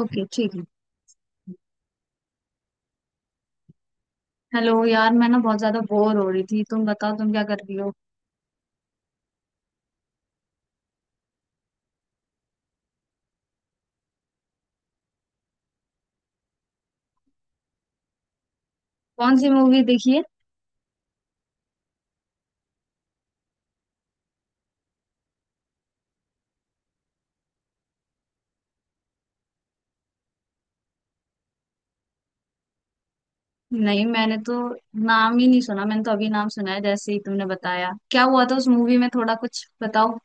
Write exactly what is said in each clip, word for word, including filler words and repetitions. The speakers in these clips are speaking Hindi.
ओके, ठीक है। हेलो यार, मैं ना बहुत ज्यादा बोर हो रही थी। तुम बताओ, तुम क्या कर रही हो। कौन सी मूवी देखी है? नहीं, मैंने तो नाम ही नहीं सुना। मैंने तो अभी नाम सुना है जैसे ही तुमने बताया। क्या हुआ था उस मूवी में, थोड़ा कुछ बताओ।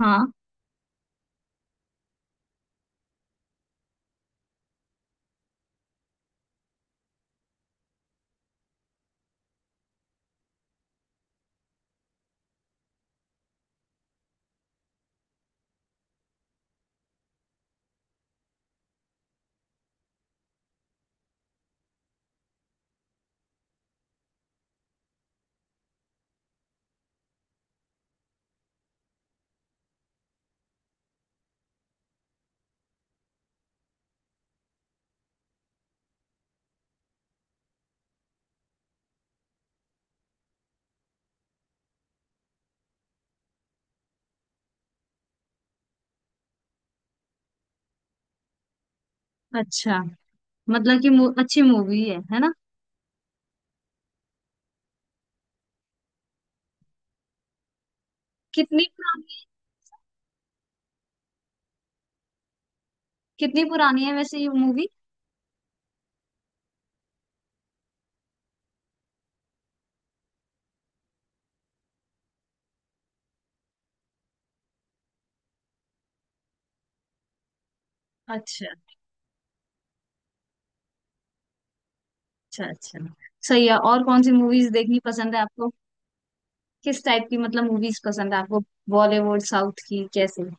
हाँ। अच्छा, मतलब कि मू, अच्छी मूवी है है ना? कितनी पुरानी है कितनी पुरानी है वैसे ये मूवी? अच्छा, अच्छा, अच्छा। सही है। और कौन सी मूवीज देखनी पसंद है आपको? किस टाइप की, मतलब, मूवीज पसंद है आपको? बॉलीवुड, साउथ की, कैसे?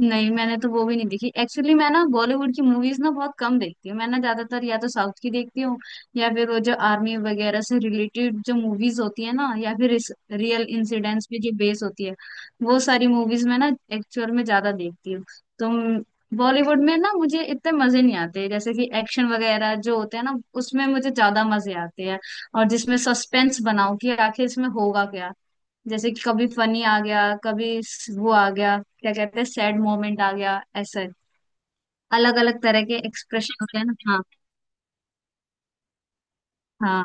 नहीं, मैंने तो वो भी नहीं देखी एक्चुअली। मैं ना बॉलीवुड की मूवीज ना बहुत कम देखती हूँ। मैं ना ज्यादातर या तो साउथ की देखती हूँ, या फिर वो जो आर्मी वगैरह से रिलेटेड जो मूवीज होती है ना, या फिर रियल इंसिडेंट्स पे जो बेस होती है, वो सारी मूवीज मैं ना एक्चुअल में ज्यादा देखती हूँ तो। बॉलीवुड में ना मुझे इतने मजे नहीं आते। जैसे कि एक्शन वगैरह जो होते हैं ना, उसमें मुझे ज्यादा मजे आते हैं। और जिसमें सस्पेंस बनाओ कि आखिर इसमें होगा क्या। जैसे कि कभी फनी आ गया, कभी स- वो आ गया, क्या कहते हैं, सैड मोमेंट आ गया, ऐसे अलग अलग तरह के एक्सप्रेशन होते हैं ना, हाँ। हाँ।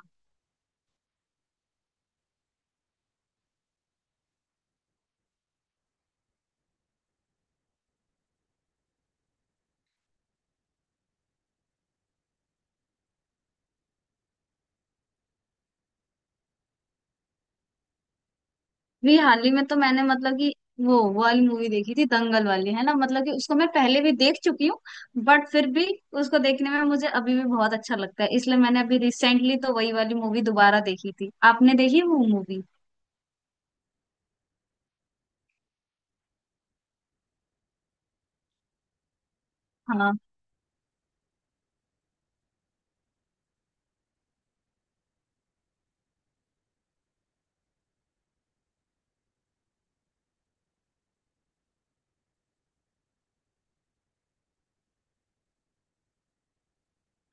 भी हाल ही में तो मैंने मतलब कि वो वो वाली मूवी देखी थी, दंगल वाली है ना, मतलब कि उसको मैं पहले भी देख चुकी हूँ। बट फिर भी उसको देखने में मुझे अभी भी बहुत अच्छा लगता है, इसलिए मैंने अभी रिसेंटली तो वही वाली मूवी दोबारा देखी थी। आपने देखी वो मूवी? हाँ,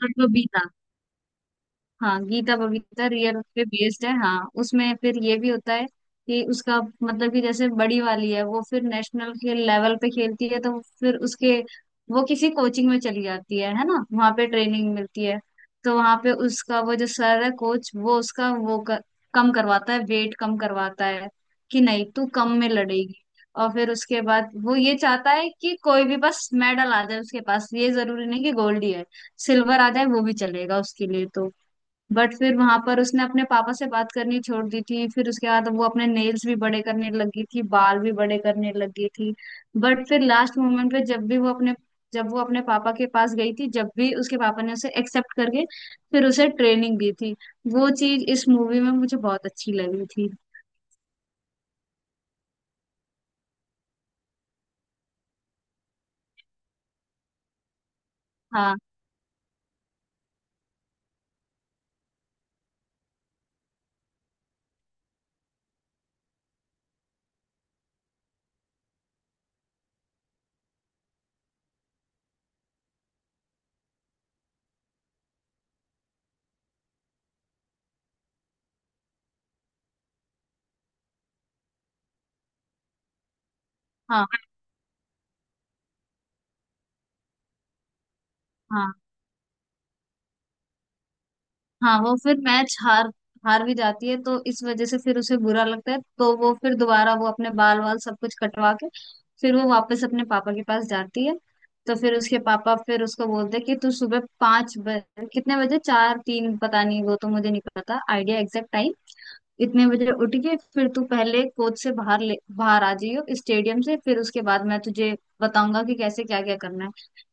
तत्व बीता। हाँ, गीता बबीता रियल पे बेस्ड है। हाँ, उसमें फिर ये भी होता है कि उसका मतलब कि जैसे बड़ी वाली है, वो फिर नेशनल के लेवल पे खेलती है, तो फिर उसके वो किसी कोचिंग में चली जाती है है ना, वहाँ पे ट्रेनिंग मिलती है। तो वहाँ पे उसका वो जो सर है, कोच, वो उसका वो कर, कम करवाता है, वेट कम करवाता है कि नहीं, तू कम में लड़ेगी। और फिर उसके बाद वो ये चाहता है कि कोई भी बस मेडल आ जाए उसके पास, ये जरूरी नहीं कि गोल्ड ही है, सिल्वर आ जाए वो भी चलेगा उसके लिए तो। बट फिर वहां पर उसने अपने पापा से बात करनी छोड़ दी थी। फिर उसके बाद वो अपने नेल्स भी बड़े करने लगी थी, बाल भी बड़े करने लगी थी। बट फिर लास्ट मोमेंट पे जब भी वो अपने जब वो अपने पापा के पास गई थी, जब भी उसके पापा ने उसे एक्सेप्ट करके फिर उसे ट्रेनिंग दी थी, वो चीज इस मूवी में मुझे बहुत अच्छी लगी थी। हाँ, हाँ, हाँ, हाँ। वो फिर मैच हार हार भी जाती है, तो इस वजह से फिर उसे बुरा लगता है, तो वो फिर दोबारा वो अपने बाल वाल सब कुछ कटवा के फिर वो वापस अपने पापा के पास जाती है। तो फिर उसके पापा फिर उसको बोलते हैं कि तू सुबह पाँच बजे, कितने बजे, चार, तीन, पता नहीं, वो तो मुझे नहीं पता आइडिया एग्जैक्ट टाइम। इतने बजे उठ के फिर तू पहले कोच से बाहर ले बाहर आ जाइयो स्टेडियम से, फिर उसके बाद मैं तुझे बताऊंगा कि कैसे क्या क्या करना है।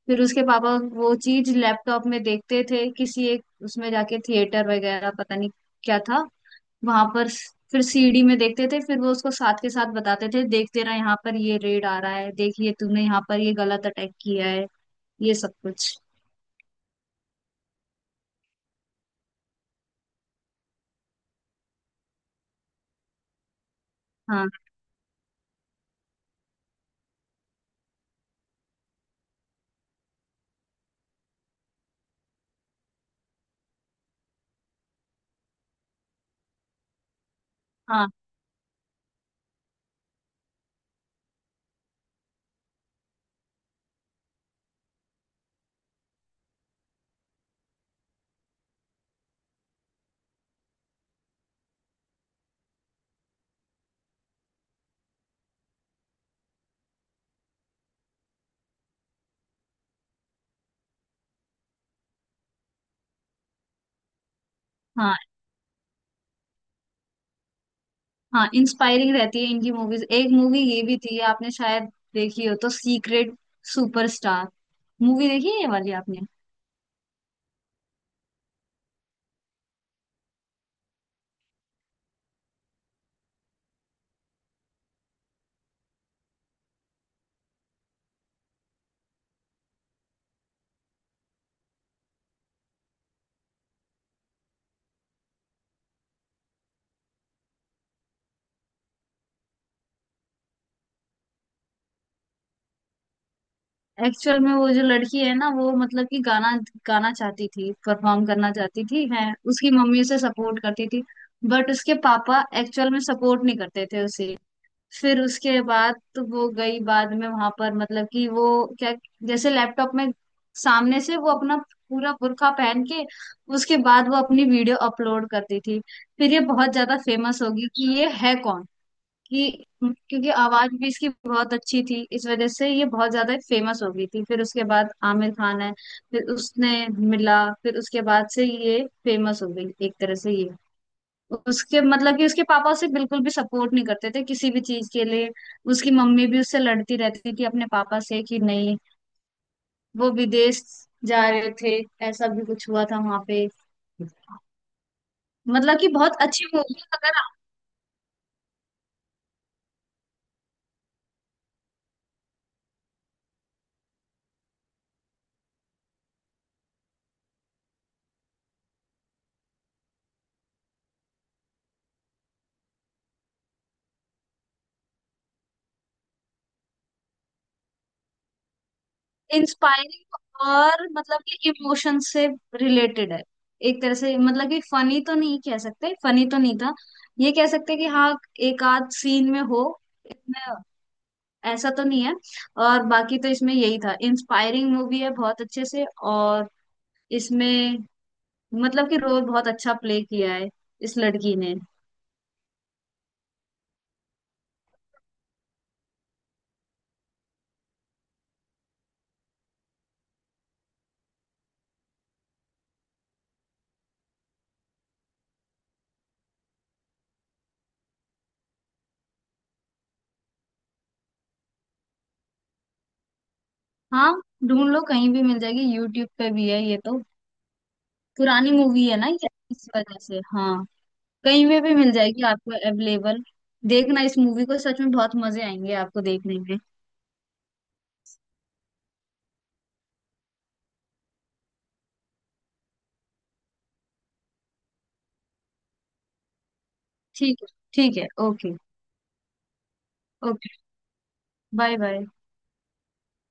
फिर उसके पापा वो चीज लैपटॉप में देखते थे, किसी एक उसमें जाके थिएटर वगैरह, पता नहीं क्या था वहां पर। फिर सीडी में देखते थे, फिर वो उसको साथ के साथ बताते थे, देखते रहा यहाँ पर ये रेड आ रहा है, देखिए तूने यहाँ पर ये गलत अटैक किया है, ये सब कुछ। हाँ, हाँ, हाँ, हाँ। इंस्पायरिंग रहती है इनकी मूवीज। एक मूवी ये भी थी, आपने शायद देखी हो तो, सीक्रेट सुपरस्टार। मूवी देखी है ये वाली आपने? एक्चुअल में वो जो लड़की है ना, वो मतलब कि गाना गाना चाहती थी, परफॉर्म करना चाहती थी, है। उसकी मम्मी उसे सपोर्ट करती थी, बट उसके पापा एक्चुअल में सपोर्ट नहीं करते थे उसे। फिर उसके बाद तो वो गई बाद में वहां पर, मतलब कि वो क्या, जैसे लैपटॉप में सामने से वो अपना पूरा बुर्का पहन के, उसके बाद वो अपनी वीडियो अपलोड करती थी। फिर ये बहुत ज्यादा फेमस होगी कि ये है कौन। कि क्योंकि आवाज भी इसकी बहुत अच्छी थी, इस वजह से ये बहुत ज्यादा फेमस हो गई थी। फिर उसके बाद आमिर खान है, फिर उसने मिला, फिर उसके बाद से ये फेमस हो गई एक तरह से ये। उसके मतलब कि उसके पापा उसे बिल्कुल भी सपोर्ट नहीं करते थे किसी भी चीज के लिए। उसकी मम्मी भी उससे लड़ती रहती थी अपने पापा से कि नहीं, वो विदेश जा रहे थे, ऐसा भी कुछ हुआ था वहां पे। मतलब कि बहुत अच्छी मूवी, अगर इंस्पायरिंग और मतलब कि इमोशन से रिलेटेड है, एक तरह से मतलब कि फनी तो नहीं कह सकते, फनी तो नहीं था, ये कह सकते कि हाँ एक आध सीन में हो, ऐसा तो नहीं है। और बाकी तो इसमें यही था, इंस्पायरिंग मूवी है, बहुत अच्छे से। और इसमें मतलब कि रोल बहुत अच्छा प्ले किया है इस लड़की ने। हाँ, ढूंढ लो, कहीं भी मिल जाएगी, यूट्यूब पे भी है ये तो। पुरानी मूवी है ना ये, इस वजह से, हाँ। कहीं पे भी मिल जाएगी आपको अवेलेबल। देखना इस मूवी को, सच में बहुत मजे आएंगे आपको देखने में। ठीक है। ठीक है, ओके। Okay, bye bye.